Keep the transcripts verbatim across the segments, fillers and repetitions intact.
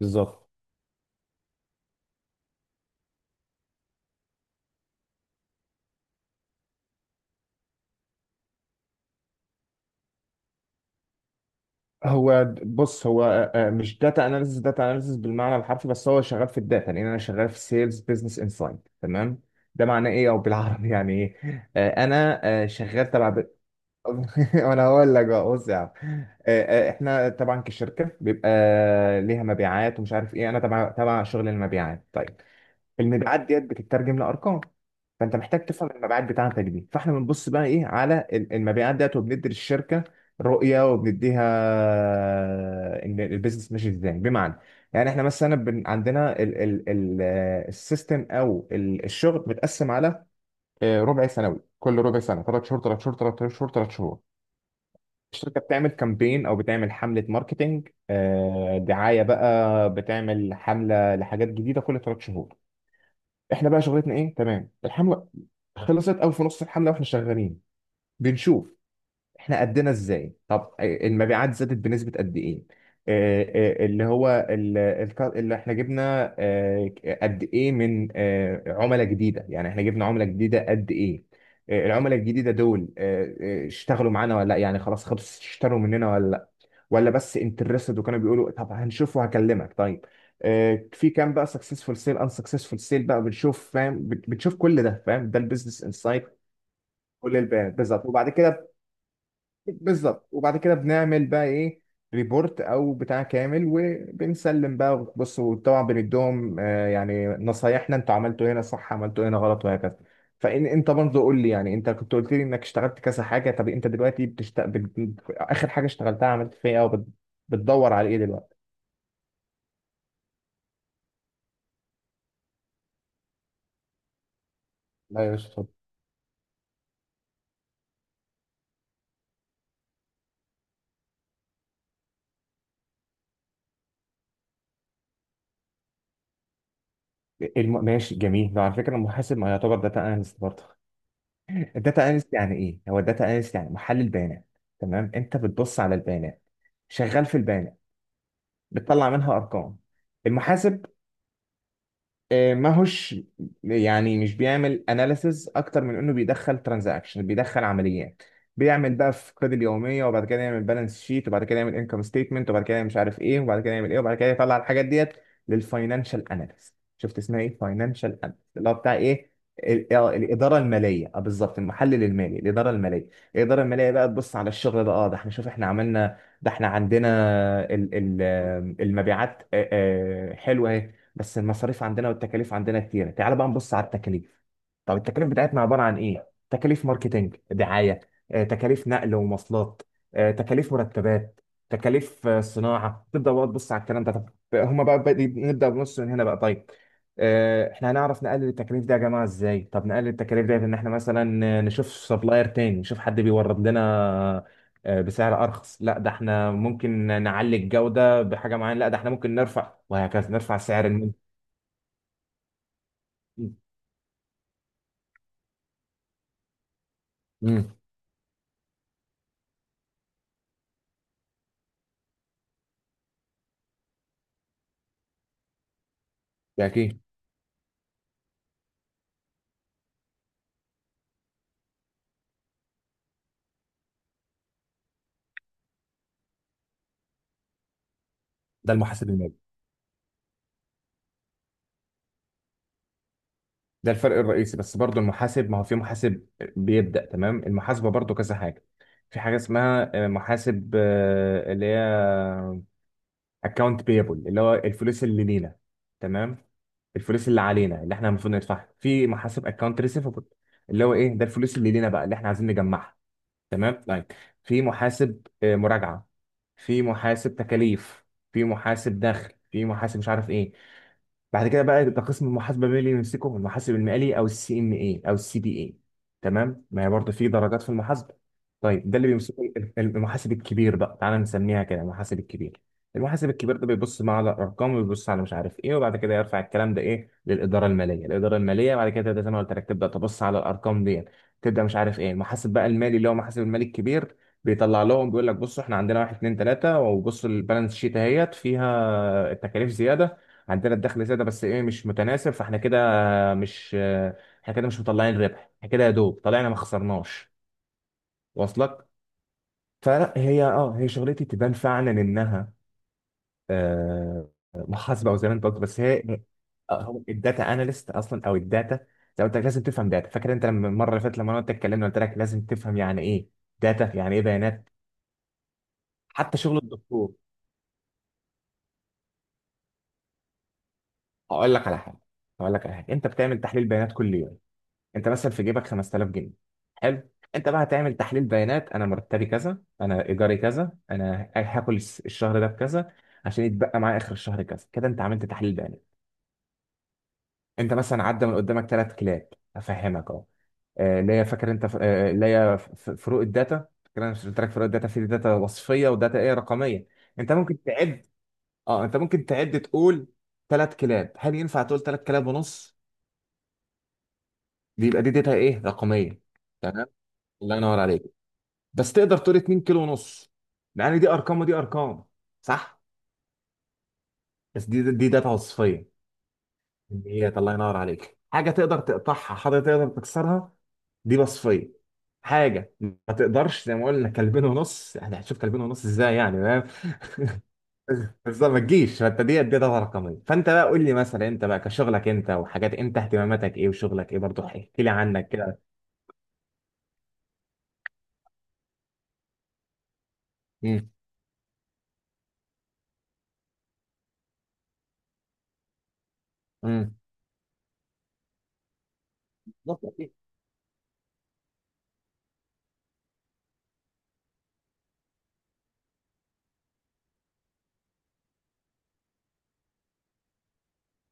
بالظبط. هو بص، هو آه، آه، مش داتا اناليسيس، داتا اناليسيس بالمعنى الحرفي، بس هو شغال في الداتا لان انا شغال في سيلز بزنس انسايد. تمام؟ ده معناه ايه او بالعربي يعني ايه؟ آه، انا آه، شغال تبع ب... وانا هقول لك بقى، بص يا عم. آه، آه، احنا طبعا كشركه بيبقى ليها مبيعات ومش عارف ايه. انا تبع تبع شغل المبيعات. طيب، المبيعات ديت بتترجم لارقام، فانت محتاج تفهم المبيعات بتاعتك دي. فاحنا بنبص بقى ايه على ال- المبيعات ديت، وبندي للشركه رؤيه، وبنديها ان البيزنس ماشي ازاي. بمعنى يعني احنا مثلا بن عندنا ال ال ال السيستم، او ال- الشغل متقسم على آه، ربع سنوي. كل ربع سنه، ثلاث شهور ثلاث شهور ثلاث شهور ثلاث شهور، الشركه بتعمل كامبين او بتعمل حمله ماركتينج، آه، دعايه بقى. بتعمل حمله لحاجات جديده كل ثلاث شهور. احنا بقى شغلتنا ايه؟ تمام، الحمله خلصت او في نص الحمله واحنا شغالين، بنشوف احنا قدنا ازاي. طب آه، المبيعات زادت بنسبه قد ايه؟ آه، آه، اللي هو ال- الك- اللي احنا جبنا آه، قد ايه من آه، عملاء جديده. يعني احنا جبنا عملاء جديده قد ايه؟ آه، العملاء الجديده دول آه، آه، اشتغلوا معانا ولا لا؟ يعني خلاص خلص اشتروا مننا ولا لا، ولا بس انترستد وكانوا بيقولوا طب هنشوف وهكلمك. طيب، آه، في كام بقى سكسسفول سيل؟ ان سكسسفول سيل بقى بنشوف. فاهم؟ بت- بتشوف كل ده. فاهم؟ ده البيزنس انسايت. كل الب- بالظبط. وبعد كده بالظبط وبعد كده بنعمل بقى ايه؟ ريبورت او بتاع كامل، وبنسلم بقى. بص، وطبعا بنديهم آه، يعني نصايحنا، انتوا عملتوا هنا صح، عملتوا هنا غلط، وهكذا. فان انت برضه قول لي، يعني انت كنت قلت لي انك اشتغلت كذا حاجه. طب انت دلوقتي بتشت... بت... اخر حاجه اشتغلتها عملت فيها ايه، او بت... بتدور على ايه دلوقتي؟ لا يا باشا، اتفضل. الم... ماشي، جميل. لو على فكره المحاسب ما يعتبر داتا اناليست برضه. الداتا اناليست يعني ايه؟ هو الداتا اناليست يعني محلل بيانات. تمام، انت بتبص على البيانات، شغال في البيانات، بتطلع منها ارقام. المحاسب آه، ما هوش يعني مش بيعمل اناليسز، اكتر من انه بيدخل ترانزاكشن، بيدخل عمليات، بيعمل بقى في قيد اليوميه، وبعد كده يعمل بالانس شيت، وبعد كده يعمل انكم ستيتمنت، وبعد كده مش عارف ايه، وبعد كده يعمل ايه، وبعد كده يطلع الحاجات ديت للفاينانشال اناليست. شفت اسمها ايه؟ فاينانشال اناليست، اللي هو بتاع ايه؟ ال- آه، الاداره الماليه. اه بالظبط، المحلل المالي، الاداره الماليه. الاداره الماليه بقى تبص على الشغل ده. اه، ده احنا شوف، احنا عملنا ده، احنا عندنا ال- ال- آه، المبيعات آه، آه، حلوه، بس المصاريف عندنا والتكاليف عندنا كتيرة. تعال بقى نبص على التكاليف. طب التكاليف بتاعتنا عبارة عن ايه؟ تكاليف ماركتينج، دعاية، آه، تكاليف نقل ومواصلات، آه، تكاليف مرتبات، تكاليف آه، صناعة. تبدأ بقى تبص على الكلام ده. طب هما بقى بدي نبدأ بنص من هنا بقى. طيب، آه، احنا هنعرف نقلل التكاليف دي يا جماعة ازاي؟ طب نقلل التكاليف دي ان احنا مثلا نشوف سبلاير تاني، نشوف حد بيورد لنا آه، بسعر ارخص. لا، ده احنا ممكن نعلي الجودة بحاجة معينة. لا، ده احنا ممكن نرفع، وهكذا نرفع سعر المنتج. امم. ده اكيد. ده المحاسب المالي. ده الفرق الرئيسي، بس برضو المحاسب ما هو في محاسب بيبدأ. تمام، المحاسبة برضو كذا حاجة. في حاجة اسمها آه، محاسب آه، اللي هي اكونت بيبل، اللي هو الفلوس اللي لينا. تمام، الفلوس اللي علينا اللي احنا المفروض ندفعها. في محاسب اكونت ريسيفبل، اللي هو ايه؟ ده الفلوس اللي لينا بقى، اللي احنا عايزين نجمعها. تمام، طيب. في محاسب آه، مراجعة، في محاسب تكاليف، في محاسب دخل، في محاسب مش عارف ايه. بعد كده بقى ده قسم المحاسبه، مين اللي يمسكه؟ المحاسب المالي، او السي ام اي، او السي بي اي. تمام، ما هي برضه في درجات في المحاسبه. طيب ده اللي بيمسكه ال- المحاسب الكبير بقى، تعالى نسميها كده، المحاسب الكبير. المحاسب الكبير ده بيبص بقى على الارقام، وبيبص على مش عارف ايه، وبعد كده يرفع الكلام ده ايه للاداره الماليه. الاداره الماليه بعد كده تبدا زي ما قلت لك، تبدا تبص على الارقام دي، تبدا مش عارف ايه. المحاسب بقى المالي اللي هو محاسب المالي الكبير بيطلع لهم بيقول لك بصوا احنا عندنا واحد اتنين تلاته، وبصوا البالانس شيت اهيت فيها التكاليف زياده عندنا، الدخل زيادة، بس ايه مش متناسب. فاحنا كده مش احنا كده مش مطلعين ربح، احنا كده يا دوب طلعنا ما خسرناش. واصلك؟ فلا، هي اه هي شغلتي تبان فعلا انها آه محاسبة، او زي ما انت قلت، بس هي آه، هو الداتا اناليست اصلا، او الداتا. زي ما قلت لك، لازم تفهم داتا. فاكر انت لما المره اللي فاتت لما انا وانت اتكلمنا قلت لك لازم تفهم يعني ايه داتا؟ يعني ايه بيانات؟ حتى شغل الدكتور. هقول لك على حاجه هقول لك على حاجه: انت بتعمل تحليل بيانات كل يوم. انت مثلا في جيبك خمسة آلاف جنيه. حلو. انت بقى هتعمل تحليل بيانات: انا مرتبي كذا، انا ايجاري كذا، انا هاكل الس- الشهر ده بكذا، عشان يتبقى معايا اخر الشهر كذا. كده انت عملت تحليل بيانات. انت مثلا عدى من قدامك ثلاث كلاب. افهمك اهو. آه، اللي هي، فاكر انت ف- آه، اللي هي ف- فروق الداتا. فاكر، انا مش قلت لك فروق الداتا؟ في داتا وصفيه، وداتا ايه، رقميه. انت ممكن تعد. اه انت ممكن تعد تقول ثلاث كلاب. هل ينفع تقول ثلاث كلاب ونص؟ دي يبقى دي داتا ايه، رقميه. تمام، الله ينور عليك. بس تقدر تقول 2 كيلو ونص. يعني دي ارقام ودي ارقام، صح؟ بس دي دي داتا وصفيه. كميات، الله ينور عليك. حاجه تقدر تقطعها، حاجه تقدر تكسرها، دي وصفيه. حاجه ما تقدرش، زي ما قلنا، كلبين ونص. يعني هتشوف كلبين ونص ازاي؟ يعني فاهم؟ بس ما تجيش. فانت دي دي داتا رقميه. فانت بقى قول لي مثلا، انت بقى كشغلك انت، وحاجات انت اهتماماتك ايه وشغلك ايه برضه، احكي لي عنك كده. امم. امم.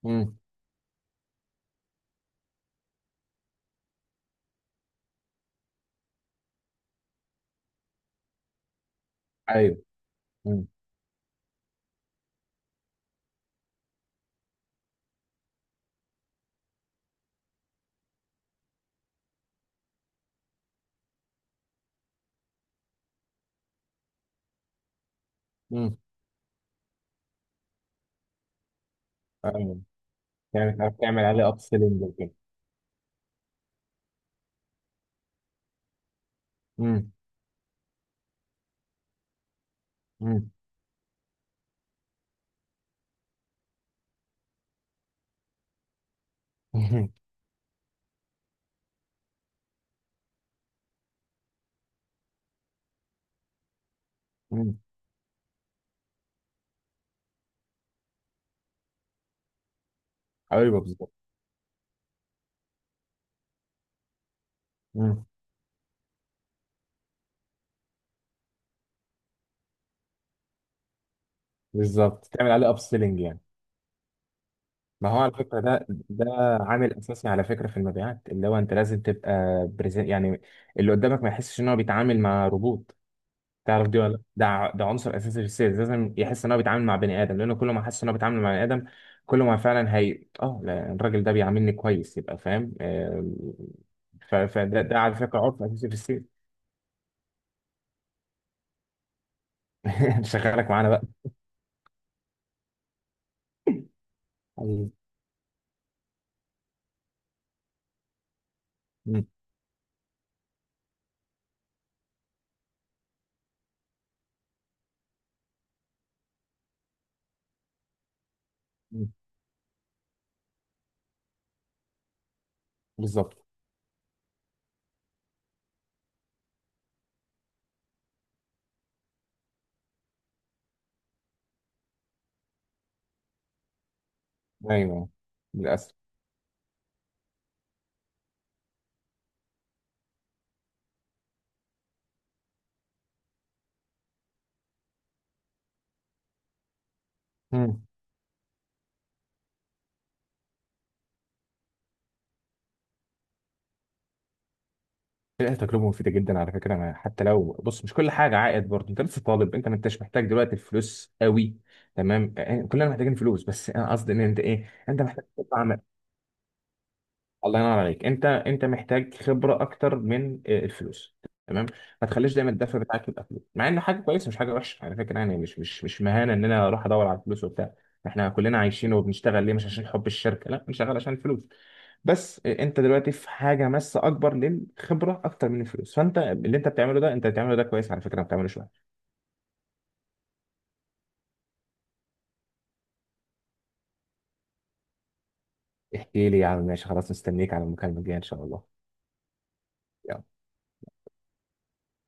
امم. ايوه. امم. يعني تعرف تعمل عليه اب سيلينج وكده. امم. امم. امم. ايوه بالظبط. امم. بالظبط، تعمل عليه اب سيلينج يعني. ما هو على فكره ده ده عامل اساسي على فكره في المبيعات، اللي هو انت لازم تبقى بريزنت يعني، اللي قدامك ما يحسش ان هو بيتعامل مع روبوت. تعرف دي ولا لأ؟ ده ع- ده عنصر اساسي في السيلز. لازم يحس ان هو بيتعامل مع بني ادم، لانه كل ما حس ان هو بيتعامل مع بني ادم، كل ما فعلا هي اه لا، الراجل ده بيعاملني كويس، يبقى فاهم. آه، ف- فده ده على فكره عرف اساسي في السيلز. شغالك معانا بقى. مم. مم. بالظبط. ايوه، للاسف. مم. لا، تجربه مفيده جدا على فكره. انا حتى لو بص، مش كل حاجه عائد برضه، انت لسه طالب، انت ما انتش محتاج دلوقتي الفلوس قوي. تمام، آه، كلنا محتاجين فلوس، بس انا قصدي ان انت ايه، انت محتاج تطلع. الله ينور عليك. انت انت محتاج خبره اكتر من آه، الفلوس. تمام، ما تخليش دايما الدفع بتاعك يبقى فلوس. مع انه حاجه كويسه، مش حاجه وحشه على فكره، يعني مش مش مش مهانه ان انا اروح ادور على الفلوس وبتاع. احنا كلنا عايشين وبنشتغل ليه؟ مش عشان حب الشركه، لا، بنشتغل عشان الفلوس. بس آه، انت دلوقتي في حاجه ماسه اكبر للخبره، اكتر من الفلوس. فانت اللي انت بتعمله ده، انت بتعمله ده كويس على فكره، ما بتعملوش وحش. احكي لي يا عم، ماشي، خلاص، مستنيك على المكالمه الجايه ان شاء الله. يلا.